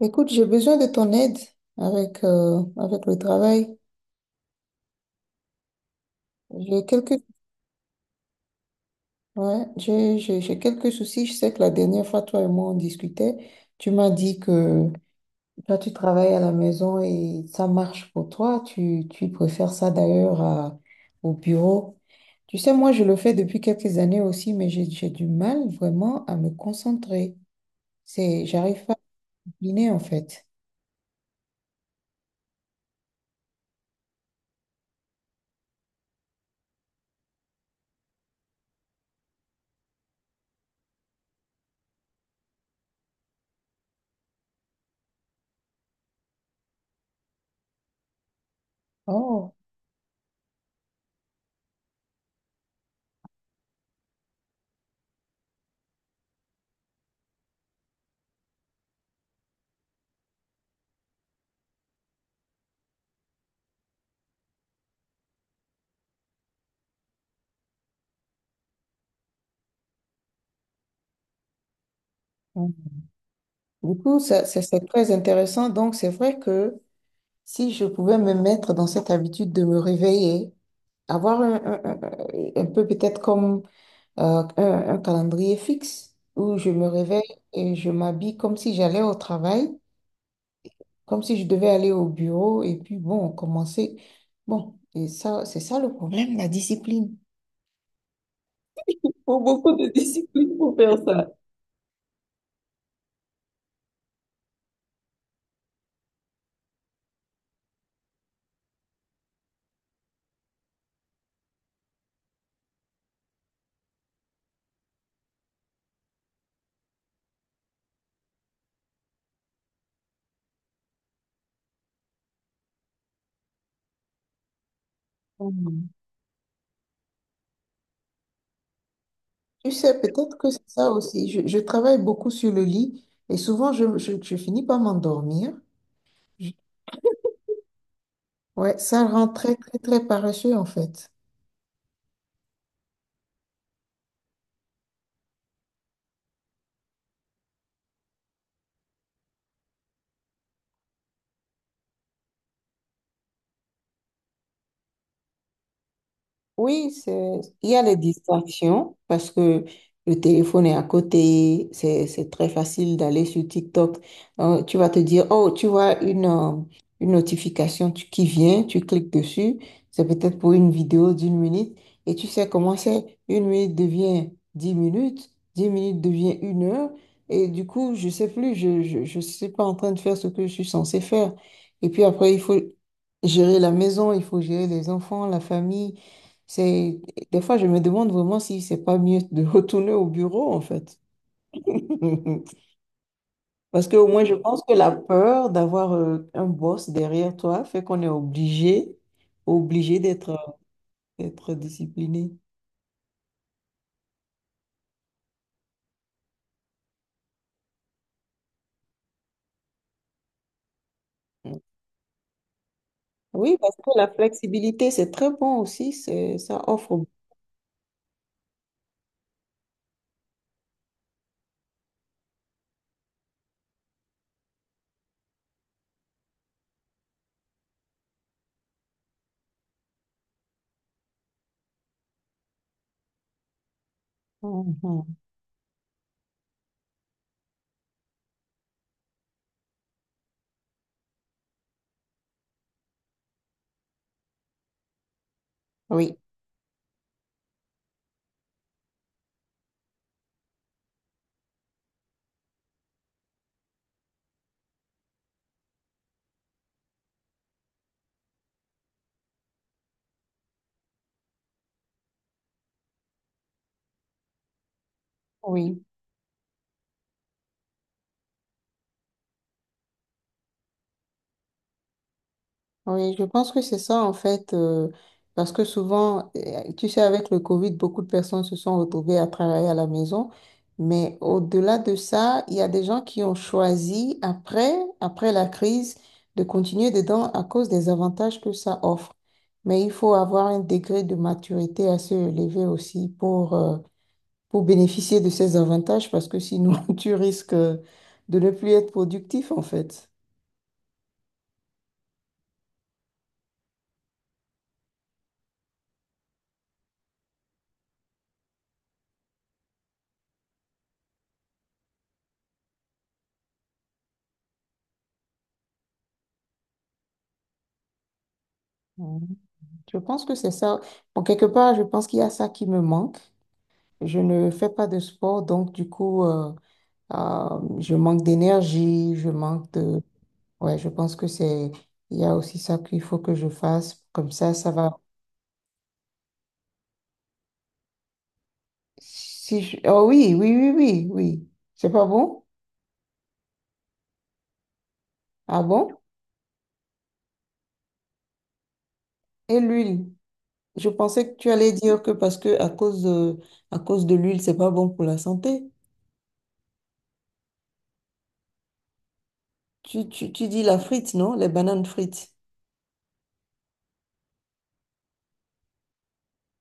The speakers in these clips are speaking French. Écoute, j'ai besoin de ton aide avec, avec le travail. J'ai quelques, ouais, j'ai quelques soucis. Je sais que la dernière fois, toi et moi, on discutait. Tu m'as dit que toi, tu travailles à la maison et ça marche pour toi. Tu préfères ça d'ailleurs au bureau. Tu sais, moi, je le fais depuis quelques années aussi, mais j'ai du mal vraiment à me concentrer. J'arrive Guinée, en fait. Oh. Mm. Du coup, ça c'est très intéressant. Donc, c'est vrai que si je pouvais me mettre dans cette habitude de me réveiller, avoir un peu peut-être comme un calendrier fixe où je me réveille et je m'habille comme si j'allais au travail, comme si je devais aller au bureau et puis bon, commencer. Bon, et ça, c'est ça le problème, la discipline. Faut beaucoup de discipline pour faire ça. Mm. Tu sais, peut-être que c'est ça aussi. Je travaille beaucoup sur le lit et souvent je finis par m'endormir. Ouais, ça rend très, très, très paresseux, en fait. Oui, il y a les distractions parce que le téléphone est à côté, c'est très facile d'aller sur TikTok. Tu vas te dire, oh, tu vois une notification qui vient, tu cliques dessus, c'est peut-être pour une vidéo d'une minute et tu sais comment c'est, une minute devient dix minutes devient une heure et du coup, je sais plus, je suis pas en train de faire ce que je suis censée faire. Et puis après, il faut gérer la maison, il faut gérer les enfants, la famille. C'est, des fois, je me demande vraiment si c'est pas mieux de retourner au bureau, en fait. Parce que au moins, je pense que la peur d'avoir un boss derrière toi fait qu'on est obligé, obligé d'être, d'être discipliné. Oui, parce que la flexibilité, c'est très bon aussi, ça offre. Mhm. Oui, oui. Oui, je pense que c'est ça en fait, parce que souvent, tu sais, avec le Covid, beaucoup de personnes se sont retrouvées à travailler à la maison, mais au-delà de ça, il y a des gens qui ont choisi après, après la crise, de continuer dedans à cause des avantages que ça offre. Mais il faut avoir un degré de maturité assez élevé aussi pour bénéficier de ces avantages parce que sinon tu risques de ne plus être productif en fait. Mhm. Je pense que c'est ça. Bon, quelque part, je pense qu'il y a ça qui me manque. Je ne fais pas de sport, donc du coup, je manque d'énergie, je manque de... Ouais, je pense que c'est... Il y a aussi ça qu'il faut que je fasse. Comme ça va... Si je- Oh oui, oui, oui, oui, oui. C'est pas bon? Ah bon? Et l'huile? Je pensais que tu allais dire que parce que à cause de l'huile, c'est pas bon pour la santé. Tu dis la frite, non? Les bananes frites.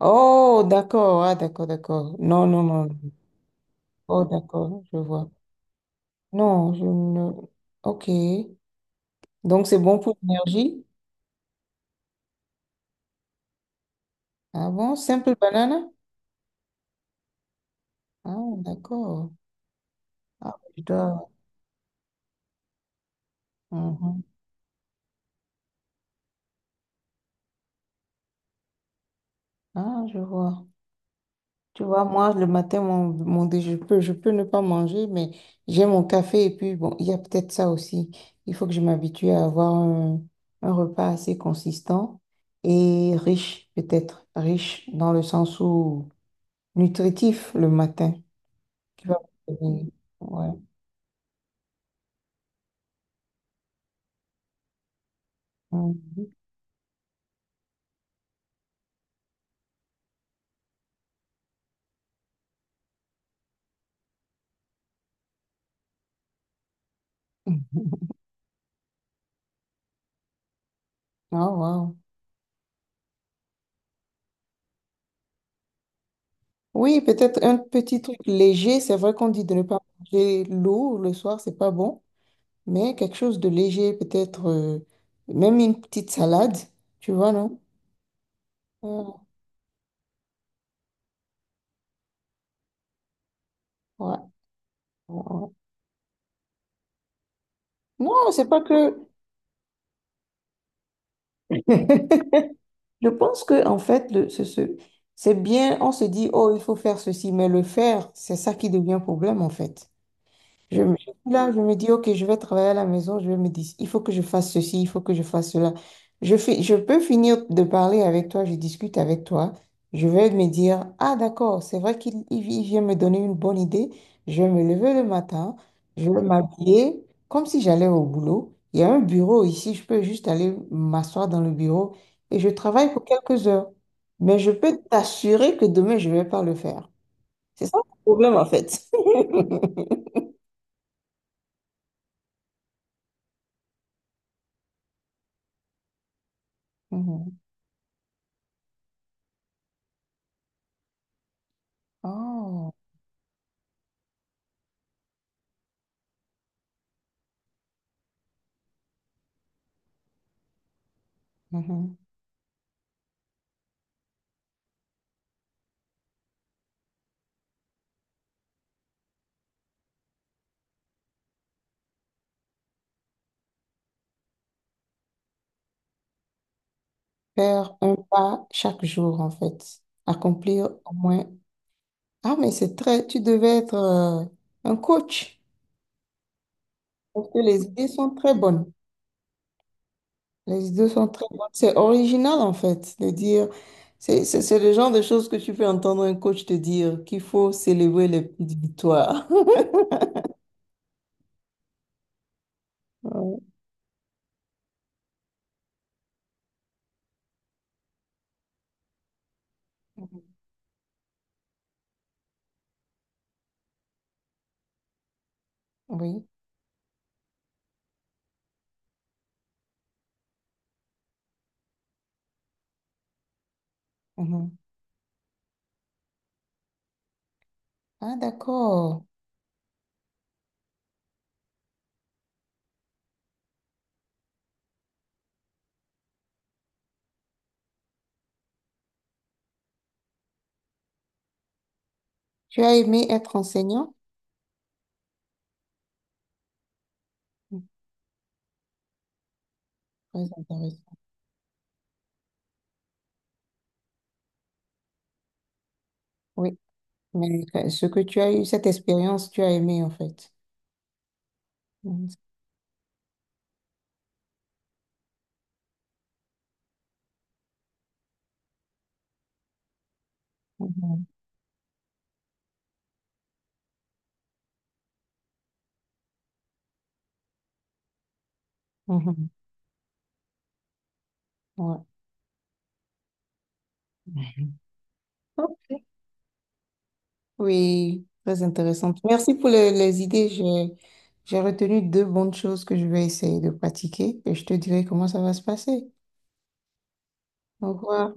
Oh, d'accord, ah, d'accord, d'accord. Non, non, non. Oh, d'accord, je vois. Non, je ne... Ok. Donc, c'est bon pour l'énergie? Ah bon? Simple banane? Ah, d'accord. Ah, je dois... Mhm. Ah, je vois. Tu vois, moi, le matin, je peux ne pas manger, mais j'ai mon café et puis, bon, il y a peut-être ça aussi. Il faut que je m'habitue à avoir un repas assez consistant et riche, peut-être. Riche dans le sens où nutritif le matin. Tu vas... Ouais. Mhm. Ah, wow. Oui, peut-être un petit truc léger. C'est vrai qu'on dit de ne pas manger lourd le soir, c'est pas bon, mais quelque chose de léger, peut-être même une petite salade, tu vois, non? Euh, ouais, ouais, ouais. Non, c'est pas que. Je pense que en fait, c'est bien. On se dit, oh, il faut faire ceci, mais le faire, c'est ça qui devient problème en fait. Je suis là, je me dis, OK, je vais travailler à la maison, je vais me dire, il faut que je fasse ceci, il faut que je fasse cela. Je fais, je peux finir de parler avec toi, je discute avec toi. Je vais me dire, ah d'accord, c'est vrai il vient me donner une bonne idée. Je vais me lever le matin, je vais m'habiller comme si j'allais au boulot. Il y a un bureau ici, je peux juste aller m'asseoir dans le bureau et je travaille pour quelques heures. Mais je peux t'assurer que demain, je ne vais pas le faire. C'est ça le problème en fait. Mhm. Oh. Mhm. Faire un pas chaque jour, en fait. Accomplir au moins. Ah, mais c'est très, tu devais être un coach. Parce que les idées sont très bonnes. Les idées sont très bonnes. C'est original, en fait, de dire. C'est le genre de choses que tu peux entendre un coach te dire qu'il faut célébrer les petites victoires. Ouais. Mhm. Oui. Mhm. Ah, d'accord. Tu as aimé être enseignant? Très intéressant. Oui. Mais ce que tu as eu, cette expérience, tu as aimé, en fait. Mhm, mhm, Mhm. Ouais. Ok. Oui, très intéressante. Merci pour les idées. J'ai retenu deux bonnes choses que je vais essayer de pratiquer et je te dirai comment ça va se passer. Au revoir.